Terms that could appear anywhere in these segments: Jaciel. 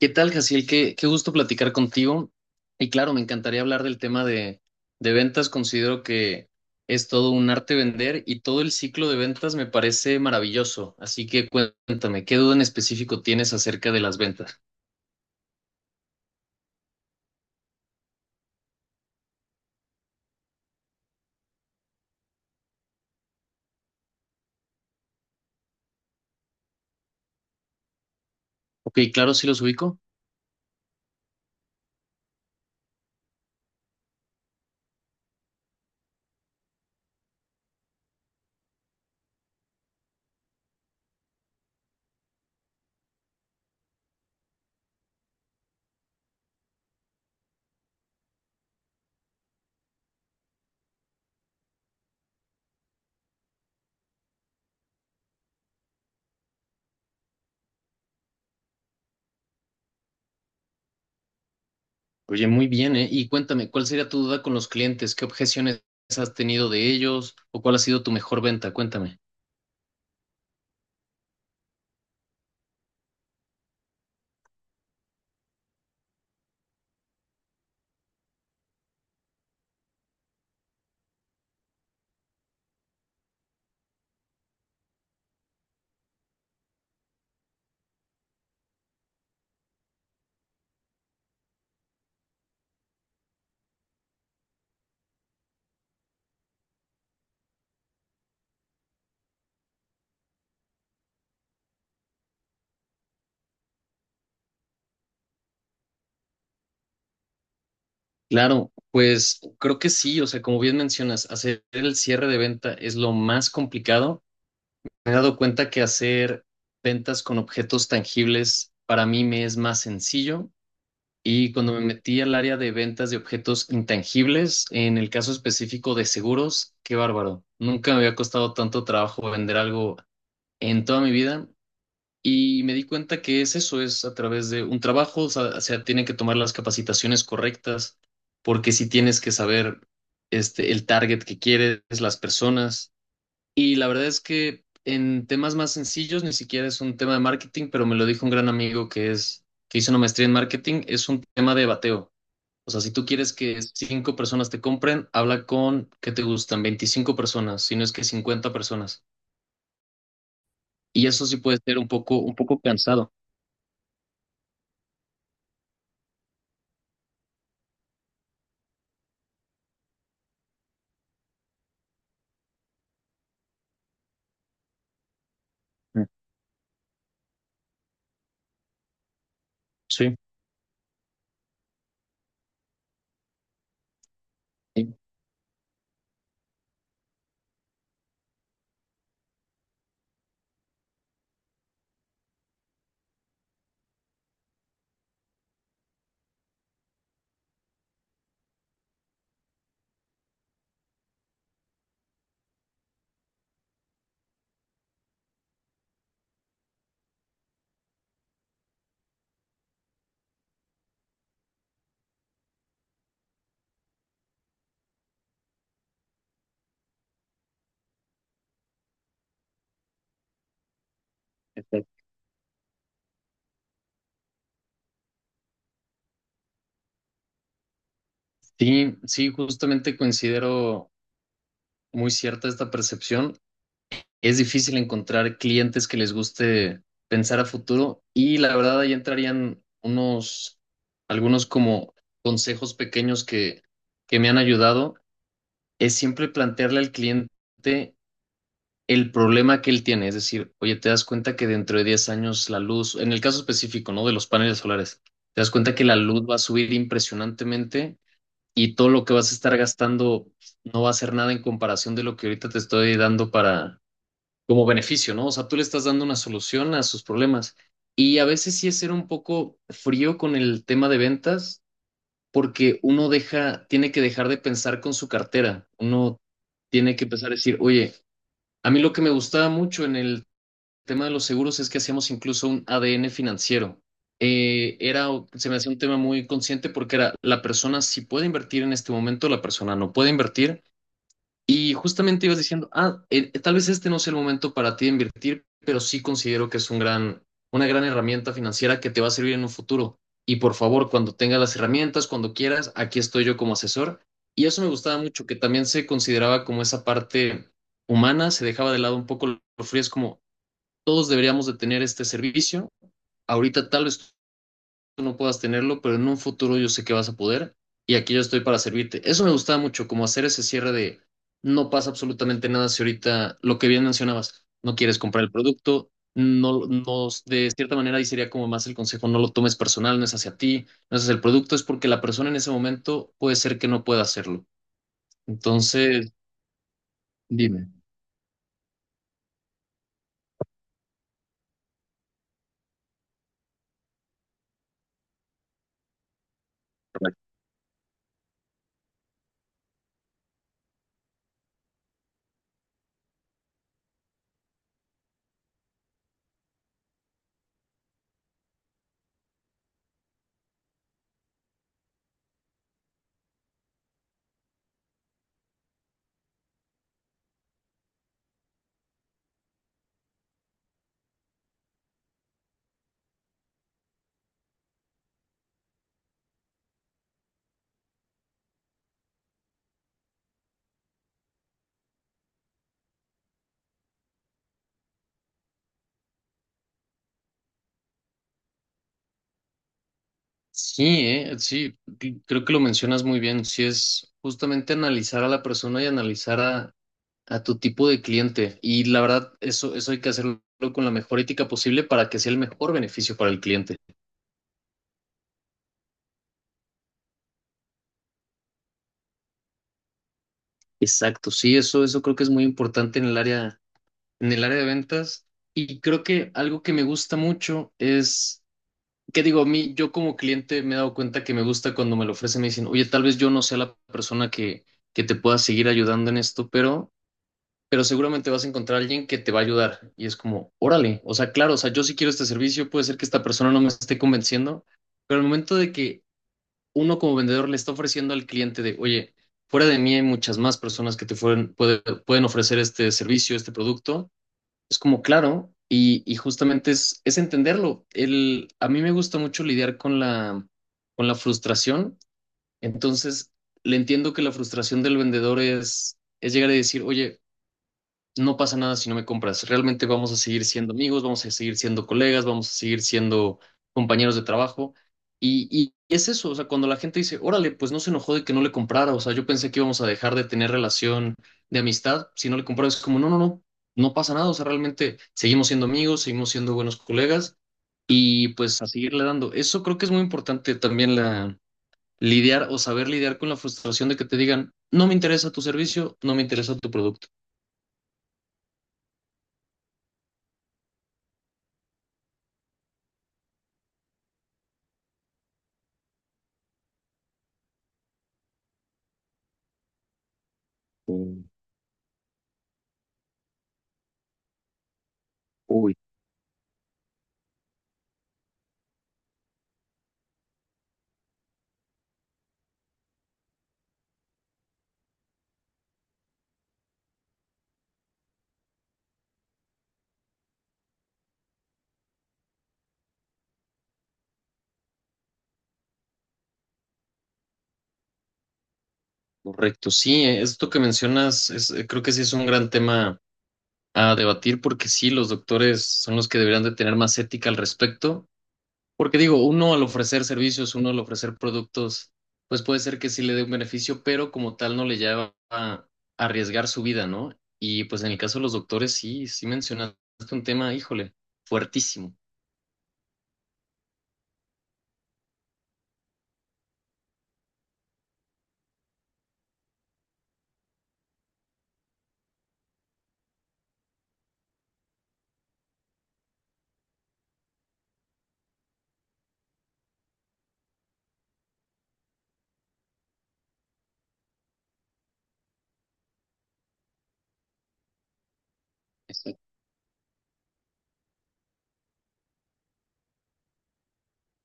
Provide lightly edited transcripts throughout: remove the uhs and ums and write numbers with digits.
¿Qué tal, Jaciel? Qué gusto platicar contigo. Y claro, me encantaría hablar del tema de ventas. Considero que es todo un arte vender y todo el ciclo de ventas me parece maravilloso. Así que cuéntame, ¿qué duda en específico tienes acerca de las ventas? Ok, claro, sí los ubico. Oye, muy bien, ¿eh? Y cuéntame, ¿cuál sería tu duda con los clientes? ¿Qué objeciones has tenido de ellos? ¿O cuál ha sido tu mejor venta? Cuéntame. Claro, pues creo que sí, o sea, como bien mencionas, hacer el cierre de venta es lo más complicado. Me he dado cuenta que hacer ventas con objetos tangibles para mí me es más sencillo, y cuando me metí al área de ventas de objetos intangibles, en el caso específico de seguros, qué bárbaro. Nunca me había costado tanto trabajo vender algo en toda mi vida, y me di cuenta que es eso, es a través de un trabajo, o sea, tienen que tomar las capacitaciones correctas, porque si tienes que saber este, el target que quieres, las personas. Y la verdad es que en temas más sencillos, ni siquiera es un tema de marketing, pero me lo dijo un gran amigo que hizo una maestría en marketing, es un tema de bateo. O sea, si tú quieres que cinco personas te compren, habla con, ¿qué te gustan? 25 personas, si no es que 50 personas. Y eso sí puede ser un poco cansado. Mm, sí, sí, exacto. Sí, sí, justamente considero muy cierta esta percepción. Es difícil encontrar clientes que les guste pensar a futuro, y la verdad ahí entrarían algunos como consejos pequeños que me han ayudado. Es siempre plantearle al cliente el problema que él tiene, es decir, oye, te das cuenta que dentro de 10 años la luz, en el caso específico, ¿no? De los paneles solares, te das cuenta que la luz va a subir impresionantemente, y todo lo que vas a estar gastando no va a ser nada en comparación de lo que ahorita te estoy dando para como beneficio, ¿no? O sea, tú le estás dando una solución a sus problemas. Y a veces sí es ser un poco frío con el tema de ventas, porque uno deja, tiene que dejar de pensar con su cartera. Uno tiene que empezar a decir, oye, a mí lo que me gustaba mucho en el tema de los seguros es que hacíamos incluso un ADN financiero. Eh, era, se me hacía un tema muy consciente, porque era la persona si puede invertir en este momento, la persona no puede invertir, y justamente ibas diciendo, ah, tal vez este no sea el momento para ti de invertir, pero sí considero que es una gran herramienta financiera que te va a servir en un futuro. Y por favor, cuando tengas las herramientas, cuando quieras, aquí estoy yo como asesor. Y eso me gustaba mucho, que también se consideraba como esa parte humana, se dejaba de lado un poco lo frío, es como todos deberíamos de tener este servicio. Ahorita tal vez tú no puedas tenerlo, pero en un futuro yo sé que vas a poder y aquí yo estoy para servirte. Eso me gustaba mucho, como hacer ese cierre de no pasa absolutamente nada si ahorita, lo que bien mencionabas, no quieres comprar el producto. No, no, de cierta manera ahí sería como más el consejo: no lo tomes personal, no es hacia ti, no es hacia el producto, es porque la persona en ese momento puede ser que no pueda hacerlo. Entonces, dime. Correcto. Sí, sí, creo que lo mencionas muy bien. Sí, es justamente analizar a la persona y analizar a tu tipo de cliente. Y la verdad, eso hay que hacerlo con la mejor ética posible para que sea el mejor beneficio para el cliente. Exacto, sí, eso creo que es muy importante en el área de ventas. Y creo que algo que me gusta mucho es, que digo, a mí, yo como cliente me he dado cuenta que me gusta cuando me lo ofrecen, me dicen, oye, tal vez yo no sea la persona que te pueda seguir ayudando en esto, pero seguramente vas a encontrar a alguien que te va a ayudar. Y es como, órale, o sea, claro, o sea, yo sí quiero este servicio, puede ser que esta persona no me esté convenciendo, pero al momento de que uno como vendedor le está ofreciendo al cliente de, oye, fuera de mí hay muchas más personas que pueden ofrecer este servicio, este producto, es como, claro, y justamente es, entenderlo. El, a mí me gusta mucho lidiar con la frustración, entonces le entiendo que la frustración del vendedor es llegar a decir, oye, no pasa nada si no me compras. Realmente vamos a seguir siendo amigos, vamos a seguir siendo colegas, vamos a seguir siendo compañeros de trabajo. Y es eso, o sea, cuando la gente dice, órale, pues no se enojó de que no le comprara, o sea, yo pensé que íbamos a dejar de tener relación de amistad si no le compraba, es como, no, no, no, no pasa nada, o sea, realmente seguimos siendo amigos, seguimos siendo buenos colegas y pues a seguirle dando. Eso creo que es muy importante también la lidiar o saber lidiar con la frustración de que te digan, no me interesa tu servicio, no me interesa tu producto. Mm. Uy. Correcto, sí, esto que mencionas es, creo que sí es un gran tema a debatir, porque sí, los doctores son los que deberían de tener más ética al respecto, porque digo, uno al ofrecer servicios, uno al ofrecer productos, pues puede ser que sí le dé un beneficio, pero como tal no le lleva a arriesgar su vida, ¿no? Y pues en el caso de los doctores sí, sí mencionaste un tema, híjole, fuertísimo.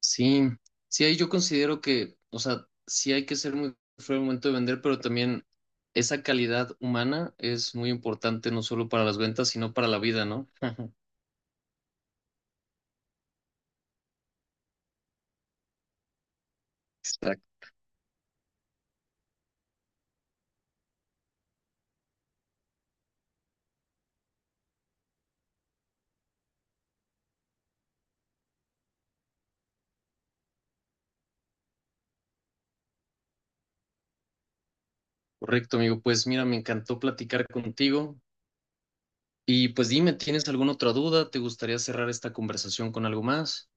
Sí, sí, ahí yo considero que, o sea, sí hay que ser muy fuerte al momento de vender, pero también esa calidad humana es muy importante no solo para las ventas, sino para la vida, ¿no? Exacto. Correcto, amigo. Pues mira, me encantó platicar contigo. Y pues dime, ¿tienes alguna otra duda? ¿Te gustaría cerrar esta conversación con algo más?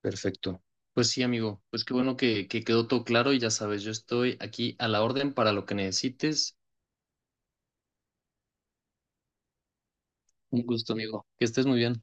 Perfecto. Pues sí, amigo. Pues qué bueno que quedó todo claro y ya sabes, yo estoy aquí a la orden para lo que necesites. Un gusto, amigo. Que estés muy bien.